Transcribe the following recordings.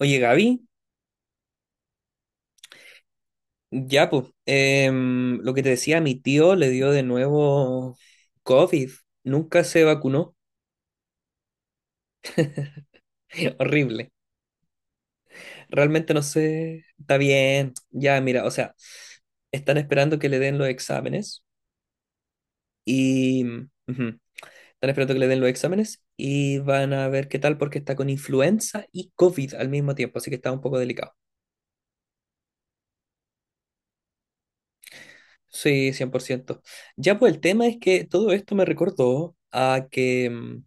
Oye, Gaby, ya pues, lo que te decía, mi tío le dio de nuevo COVID, nunca se vacunó. Horrible, realmente no sé, está bien, ya mira, o sea, están esperando que le den los exámenes y... ujú. Están esperando que le den los exámenes y van a ver qué tal porque está con influenza y COVID al mismo tiempo, así que está un poco delicado. Sí, 100%. Ya pues el tema es que todo esto me recordó a que.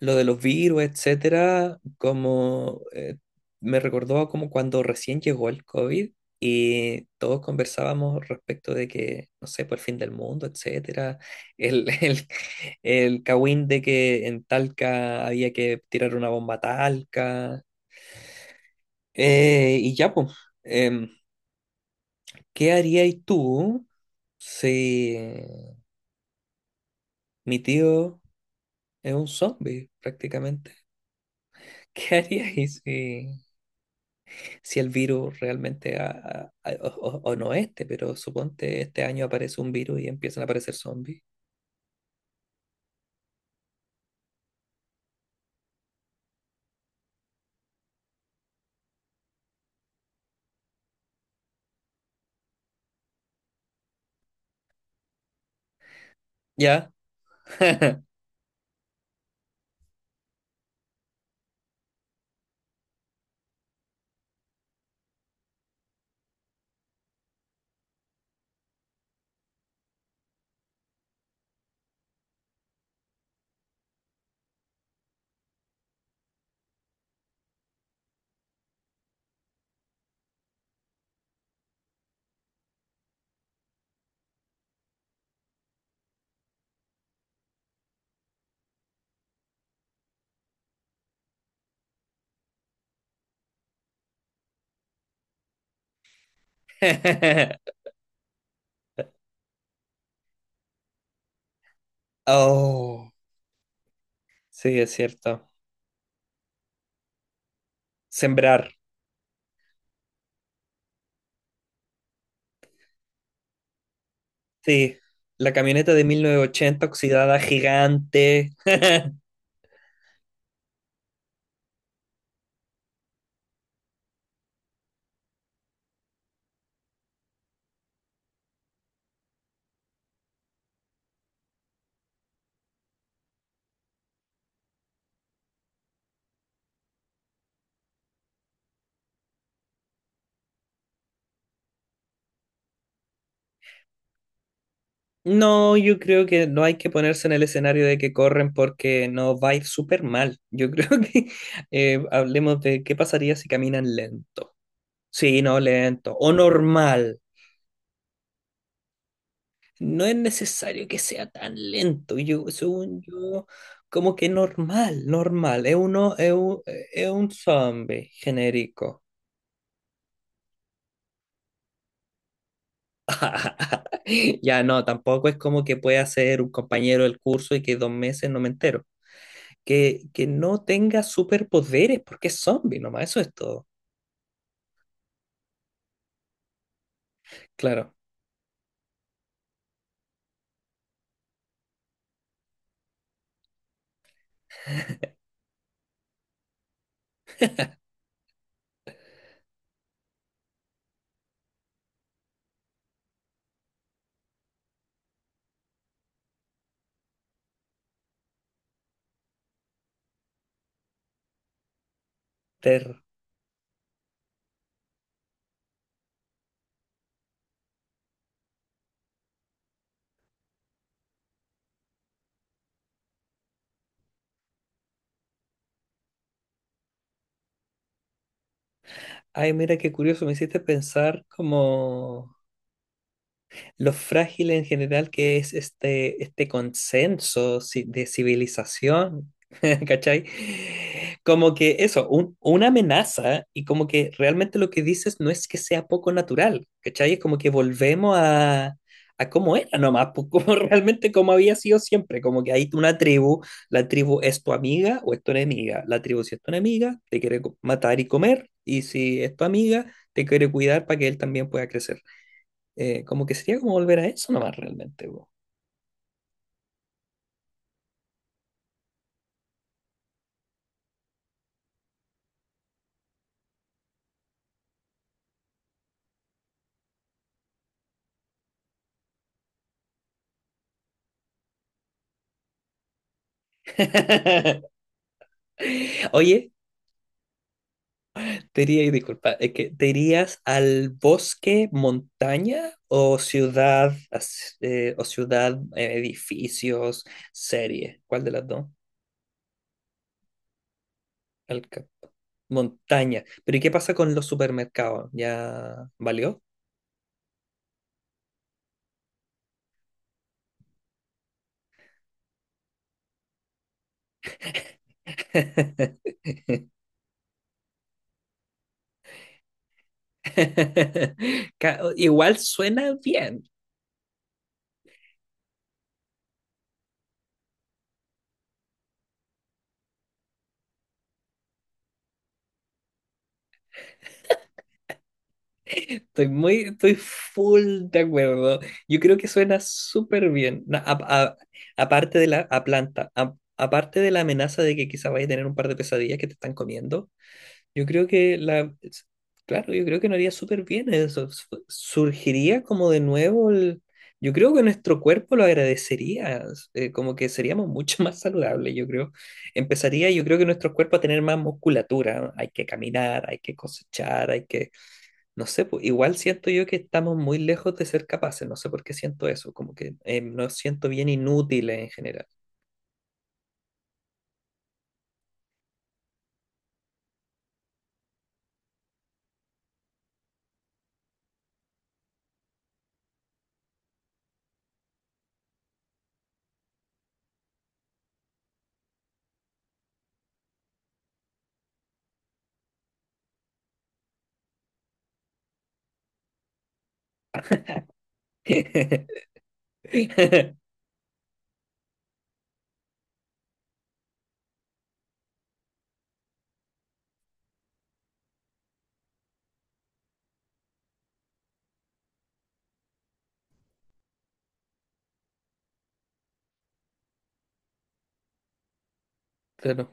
Lo de los virus, etcétera, como me recordó como cuando recién llegó el COVID y todos conversábamos respecto de que, no sé, por el fin del mundo, etcétera, el, el, el cagüín de que en Talca había que tirar una bomba a Talca. Y ya, pues, em, ¿qué harías tú si mi tío es un zombie prácticamente? ¿Qué harías si si el virus realmente o no este, pero suponte este año aparece un virus y empiezan a aparecer zombies? ¿Ya? Oh, sí, es cierto. Sembrar. Sí. La camioneta de 1980 oxidada gigante. No, yo creo que no hay que ponerse en el escenario de que corren porque no va a ir súper mal. Yo creo que hablemos de qué pasaría si caminan lento. Sí, no lento. O normal. No es necesario que sea tan lento. Yo, según yo, como que normal, normal. Es un zombie genérico. Ya no, tampoco es como que pueda ser un compañero del curso y que dos meses no me entero. Que no tenga superpoderes porque es zombie nomás, eso es todo. Claro. ter- Ay, mira qué curioso, me hiciste pensar como lo frágil en general que es este consenso de civilización, ¿cachai? Como que eso, una amenaza y como que realmente lo que dices no es que sea poco natural, ¿cachai? Es como que volvemos a cómo era nomás, pues, como realmente como había sido siempre, como que hay una tribu, la tribu es tu amiga o es tu enemiga, la tribu si es tu enemiga te quiere matar y comer, y si es tu amiga te quiere cuidar para que él también pueda crecer. Como que sería como volver a eso nomás realmente, po. Oye, te diría, disculpa, es que ¿te irías al bosque, montaña o ciudad, o ciudad, edificios, serie? ¿Cuál de las dos? Al ca- Montaña. Pero ¿y qué pasa con los supermercados? ¿Ya valió? Igual suena bien. Estoy estoy full de acuerdo. Yo creo que suena súper bien. Aparte de la a planta, aparte de la amenaza de que quizá vaya a tener un par de pesadillas que te están comiendo, yo creo que claro, yo creo que no haría súper bien eso. Surgiría como de nuevo yo creo que nuestro cuerpo lo agradecería. Como que seríamos mucho más saludables, yo creo. Empezaría, yo creo que nuestro cuerpo a tener más musculatura, ¿no? Hay que caminar, hay que cosechar, hay que no sé, pues, igual siento yo que estamos muy lejos de ser capaces, no sé por qué siento eso, como que nos siento bien inútiles en general. Pero,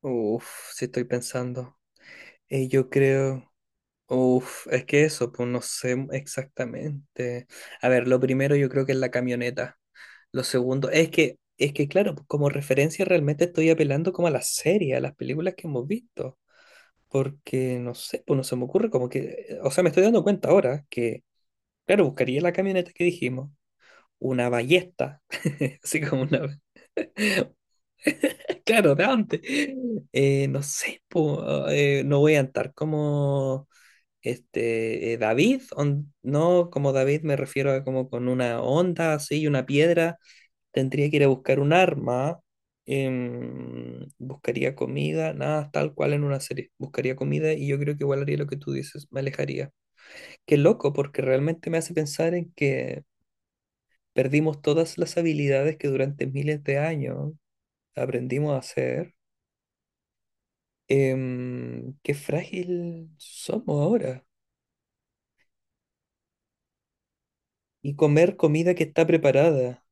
uff, si estoy pensando. Yo creo, uff, es que eso, pues no sé exactamente. A ver, lo primero yo creo que es la camioneta. Lo segundo, es que claro, pues, como referencia realmente estoy apelando como a las series, a las películas que hemos visto. Porque, no sé, pues no se me ocurre como que, o sea, me estoy dando cuenta ahora que claro, buscaría la camioneta que dijimos, una ballesta, así como una... Claro, de antes. No sé, po, no voy a andar como David, no, como David me refiero a como con una onda así y una piedra. Tendría que ir a buscar un arma, buscaría comida, nada, tal cual en una serie. Buscaría comida y yo creo que igual haría lo que tú dices, me alejaría. Qué loco, porque realmente me hace pensar en que perdimos todas las habilidades que durante miles de años aprendimos a hacer. Qué frágil somos ahora. Y comer comida que está preparada.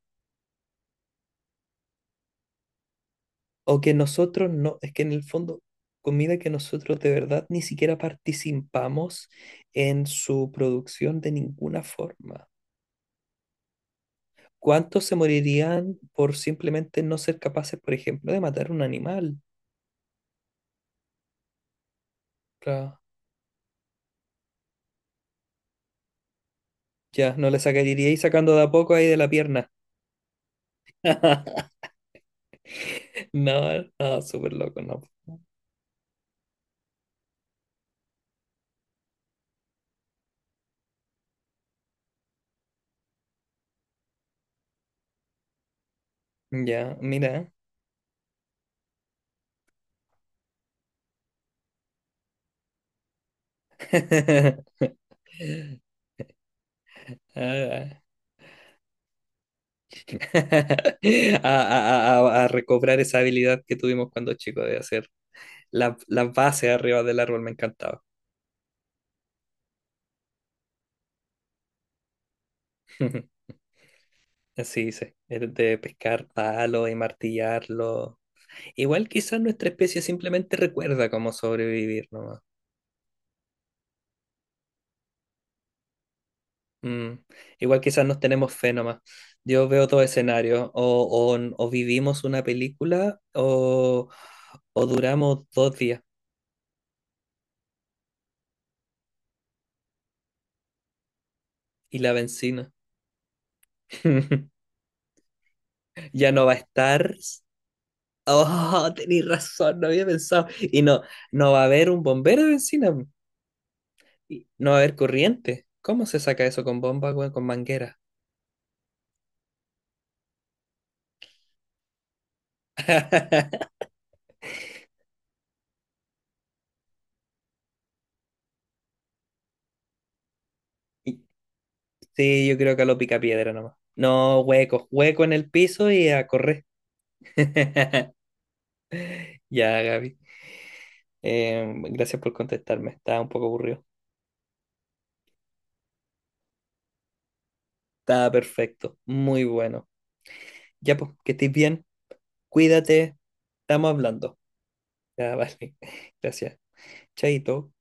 O que nosotros no, es que en el fondo, comida que nosotros de verdad ni siquiera participamos en su producción de ninguna forma. ¿Cuántos se morirían por simplemente no ser capaces, por ejemplo, de matar un animal? Claro. Ya, no le sacaríais sacando de a poco ahí de la pierna. No, no, súper loco, no. Ya, mira. Ah, a a recobrar esa habilidad que tuvimos cuando chicos de hacer las bases arriba del árbol, me encantaba. Así dice, el de pescar palos y martillarlo. Igual quizás nuestra especie simplemente recuerda cómo sobrevivir, ¿no? Mm, igual quizás nos tenemos fe nomás. Yo veo todo escenario. O vivimos una película o duramos dos días y la benzina. Ya no va a estar. Oh, tenéis razón, no había pensado. Y no, no va a haber un bombero de benzina. Y no va a haber corriente. ¿Cómo se saca eso con bomba, weón? Con manguera. Y- Sí, yo creo que a lo pica piedra nomás. No, hueco hueco en el piso y a correr. Ya, Gaby. Gracias por contestarme, estaba un poco aburrido. Estaba perfecto, muy bueno. Ya pues, que estés bien, cuídate, estamos hablando. Ya, vale, gracias. Chaito.